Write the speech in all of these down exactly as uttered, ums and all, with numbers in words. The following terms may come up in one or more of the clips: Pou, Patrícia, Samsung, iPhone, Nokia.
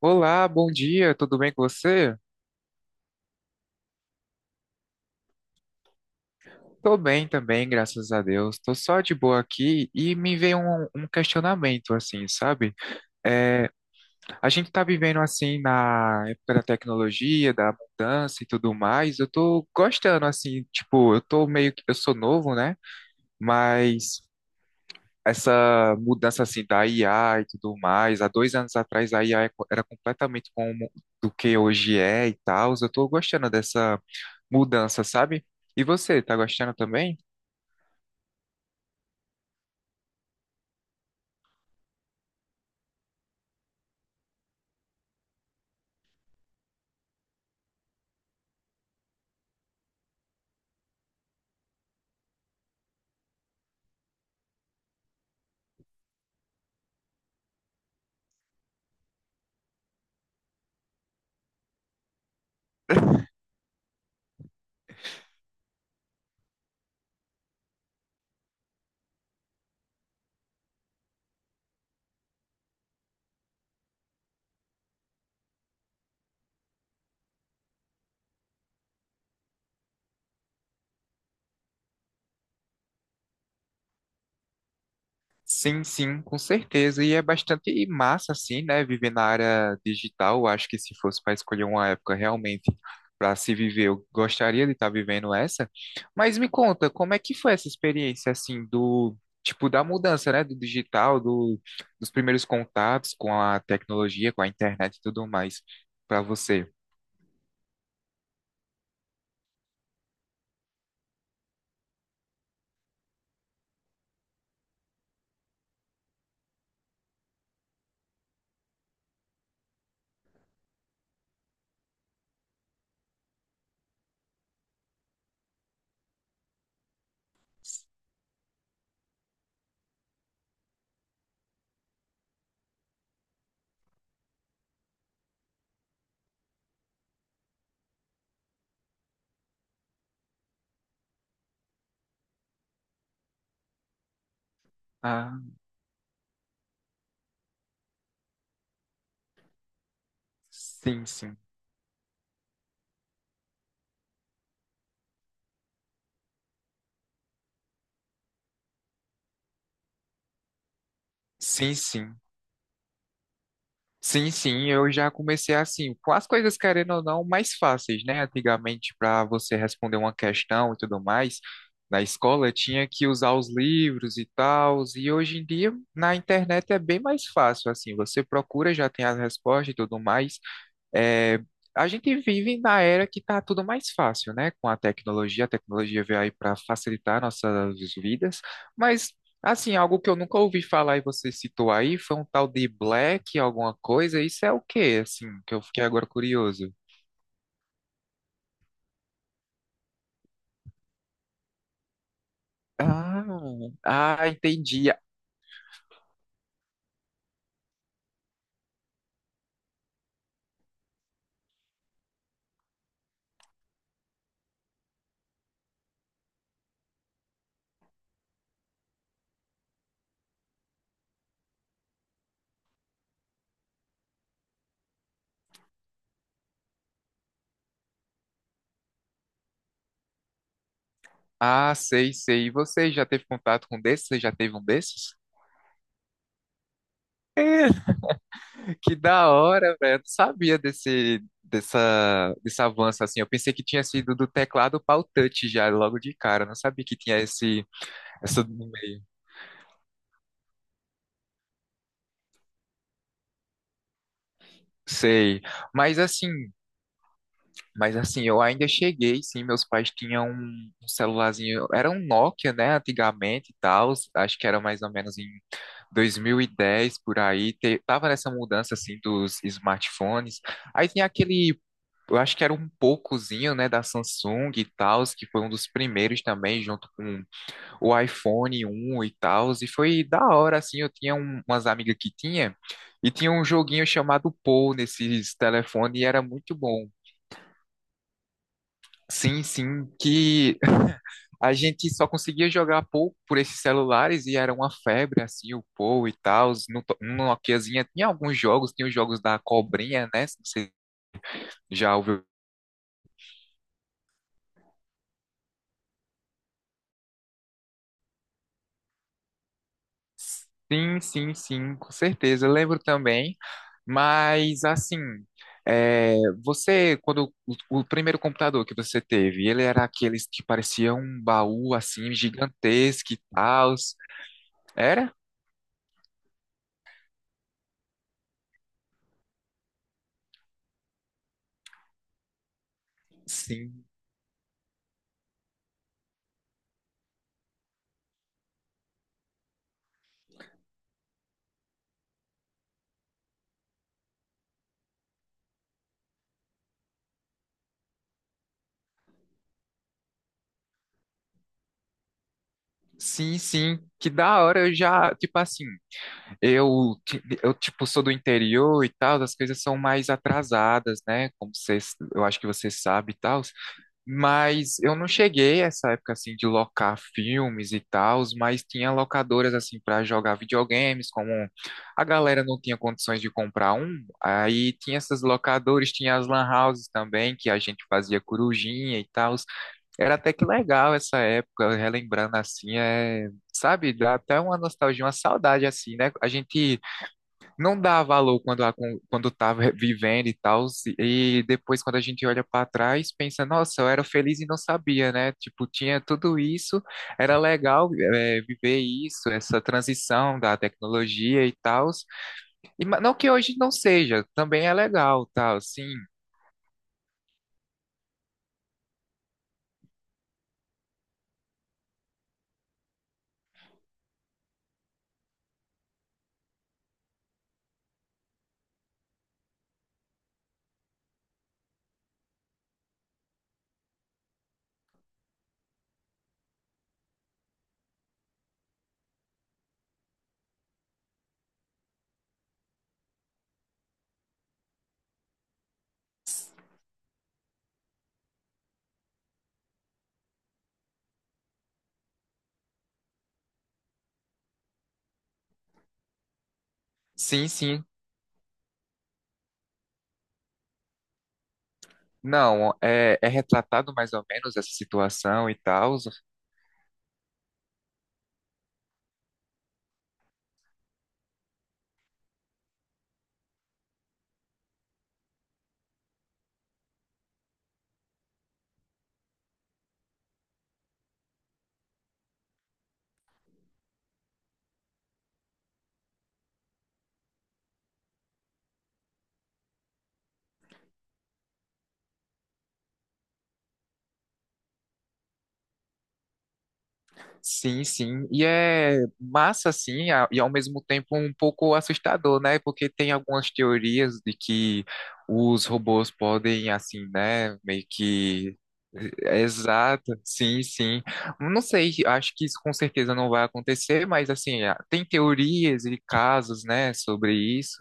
Olá, bom dia, tudo bem com você? Tô bem também, graças a Deus. Tô só de boa aqui e me veio um, um questionamento, assim, sabe? É, a gente tá vivendo, assim, na época da tecnologia, da mudança e tudo mais. Eu tô gostando, assim, tipo, eu tô meio que, eu sou novo, né? Mas essa mudança, assim, da I A e tudo mais, há dois anos atrás a I A era completamente como do que hoje é e tal. Eu tô gostando dessa mudança, sabe? E você, tá gostando também? Sim, sim, com certeza. E é bastante massa, assim, né? Viver na área digital. Eu acho que se fosse para escolher uma época realmente para se viver, eu gostaria de estar vivendo essa. Mas me conta, como é que foi essa experiência, assim, do tipo da mudança, né? Do digital, do, dos primeiros contatos com a tecnologia, com a internet e tudo mais, para você? Ah, sim, sim. Sim, sim. Sim, sim, eu já comecei assim, com as coisas querendo ou não mais fáceis, né? Antigamente, para você responder uma questão e tudo mais, na escola tinha que usar os livros e tal, e hoje em dia na internet é bem mais fácil, assim, você procura, já tem as respostas e tudo mais. É, a gente vive na era que está tudo mais fácil, né? Com a tecnologia, a tecnologia veio aí para facilitar nossas vidas, mas assim, algo que eu nunca ouvi falar e você citou aí foi um tal de Black, alguma coisa. Isso é o quê? Assim, que eu fiquei agora curioso. Ah, ah, entendi. Ah, sei, sei. E você já teve contato com desses? Você já teve um desses? Que da hora, velho. Eu não sabia desse, dessa, desse avanço assim. Eu pensei que tinha sido do teclado para o touch já, logo de cara. Eu não sabia que tinha esse, essa no meio. Sei. Mas assim, mas assim, eu ainda cheguei, sim. Meus pais tinham um, um celularzinho. Era um Nokia, né? Antigamente e tal. Acho que era mais ou menos em dois mil e dez por aí. Te- tava nessa mudança assim dos smartphones. Aí tinha aquele. Eu acho que era um poucozinho, né, da Samsung e tal, que foi um dos primeiros também, junto com o iPhone um e tal, e foi da hora, assim, eu tinha um- umas amigas que tinha, e tinha um joguinho chamado Pou nesses telefones, e era muito bom. Sim, sim, que a gente só conseguia jogar Pou por esses celulares, e era uma febre, assim, o Pou e tal, no, to- no Nokiazinha tinha alguns jogos, tinha os jogos da Cobrinha, né, se você já ouviu. Sim, sim, sim, com certeza. Eu lembro também. Mas assim, é, você, quando o, o primeiro computador que você teve, ele era aqueles que parecia um baú assim gigantesco e tal. Era? Sim. Sim, sim, que da hora eu já, tipo assim, eu, ti- eu tipo sou do interior e tal, as coisas são mais atrasadas, né? Como vocês, eu acho que você sabe e tal. Mas eu não cheguei a essa época assim de locar filmes e tals, mas tinha locadoras assim para jogar videogames, como a galera não tinha condições de comprar um, aí tinha essas locadoras, tinha as lan houses também, que a gente fazia corujinha e tals. Era até que legal essa época, relembrando assim, é, sabe, dá até uma nostalgia, uma saudade assim, né? A gente não dá valor quando, a, con- quando tá vi- vivendo e tal, e depois quando a gente olha para trás, pensa, nossa, eu era feliz e não sabia, né? Tipo, tinha tudo isso, era legal eh, viver isso, essa transição da tecnologia e tal, e ma- não que hoje não seja, também é legal, tal, sim, sim, sim. Não, é, é retratado mais ou menos essa situação e tal. Sim, sim. E é massa, assim, a- e ao mesmo tempo um pouco assustador, né? Porque tem algumas teorias de que os robôs podem, assim, né? Meio que. eh, Exato, sim, sim. Não sei, acho que isso com certeza não vai acontecer, mas, assim, a- tem teorias e casos, né, sobre isso.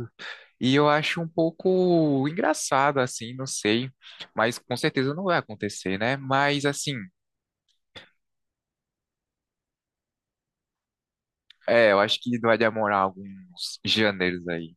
E eu acho um pouco engraçado, assim, não sei. Mas com certeza não vai acontecer, né? Mas, assim. É, eu acho que vai demorar alguns gêneros aí.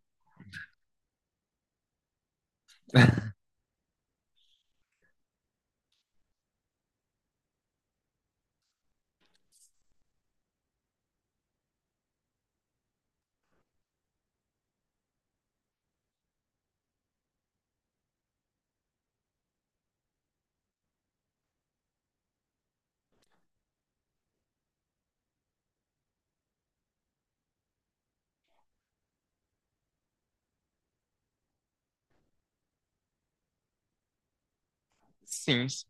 Sim, sim.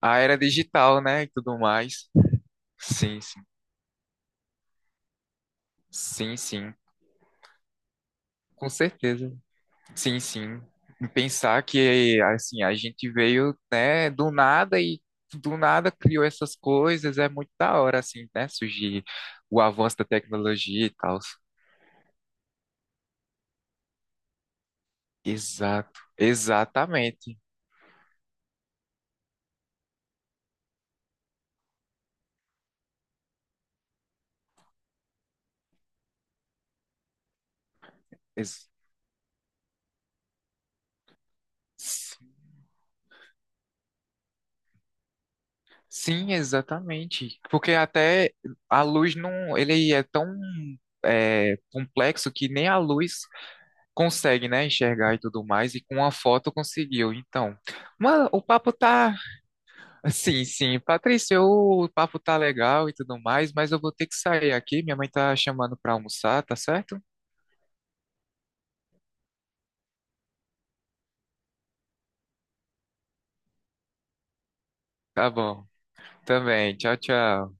A era digital, né, e tudo mais. Sim, sim. Sim, sim. Com certeza. Sim, sim. E pensar que, assim, a gente veio, né, do nada e do nada criou essas coisas. É muito da hora, assim, né, surgir o avanço da tecnologia e tal. Exato. Exatamente. Ex- Sim, exatamente. Porque até a luz não, ele é tão é, complexo que nem a luz consegue, né, enxergar e tudo mais, e com a foto conseguiu. Então, mano, o papo tá. Sim, sim, Patrícia, o papo tá legal e tudo mais, mas eu vou ter que sair aqui. Minha mãe tá chamando pra almoçar, tá certo? Tá bom. Também. Tchau, tchau.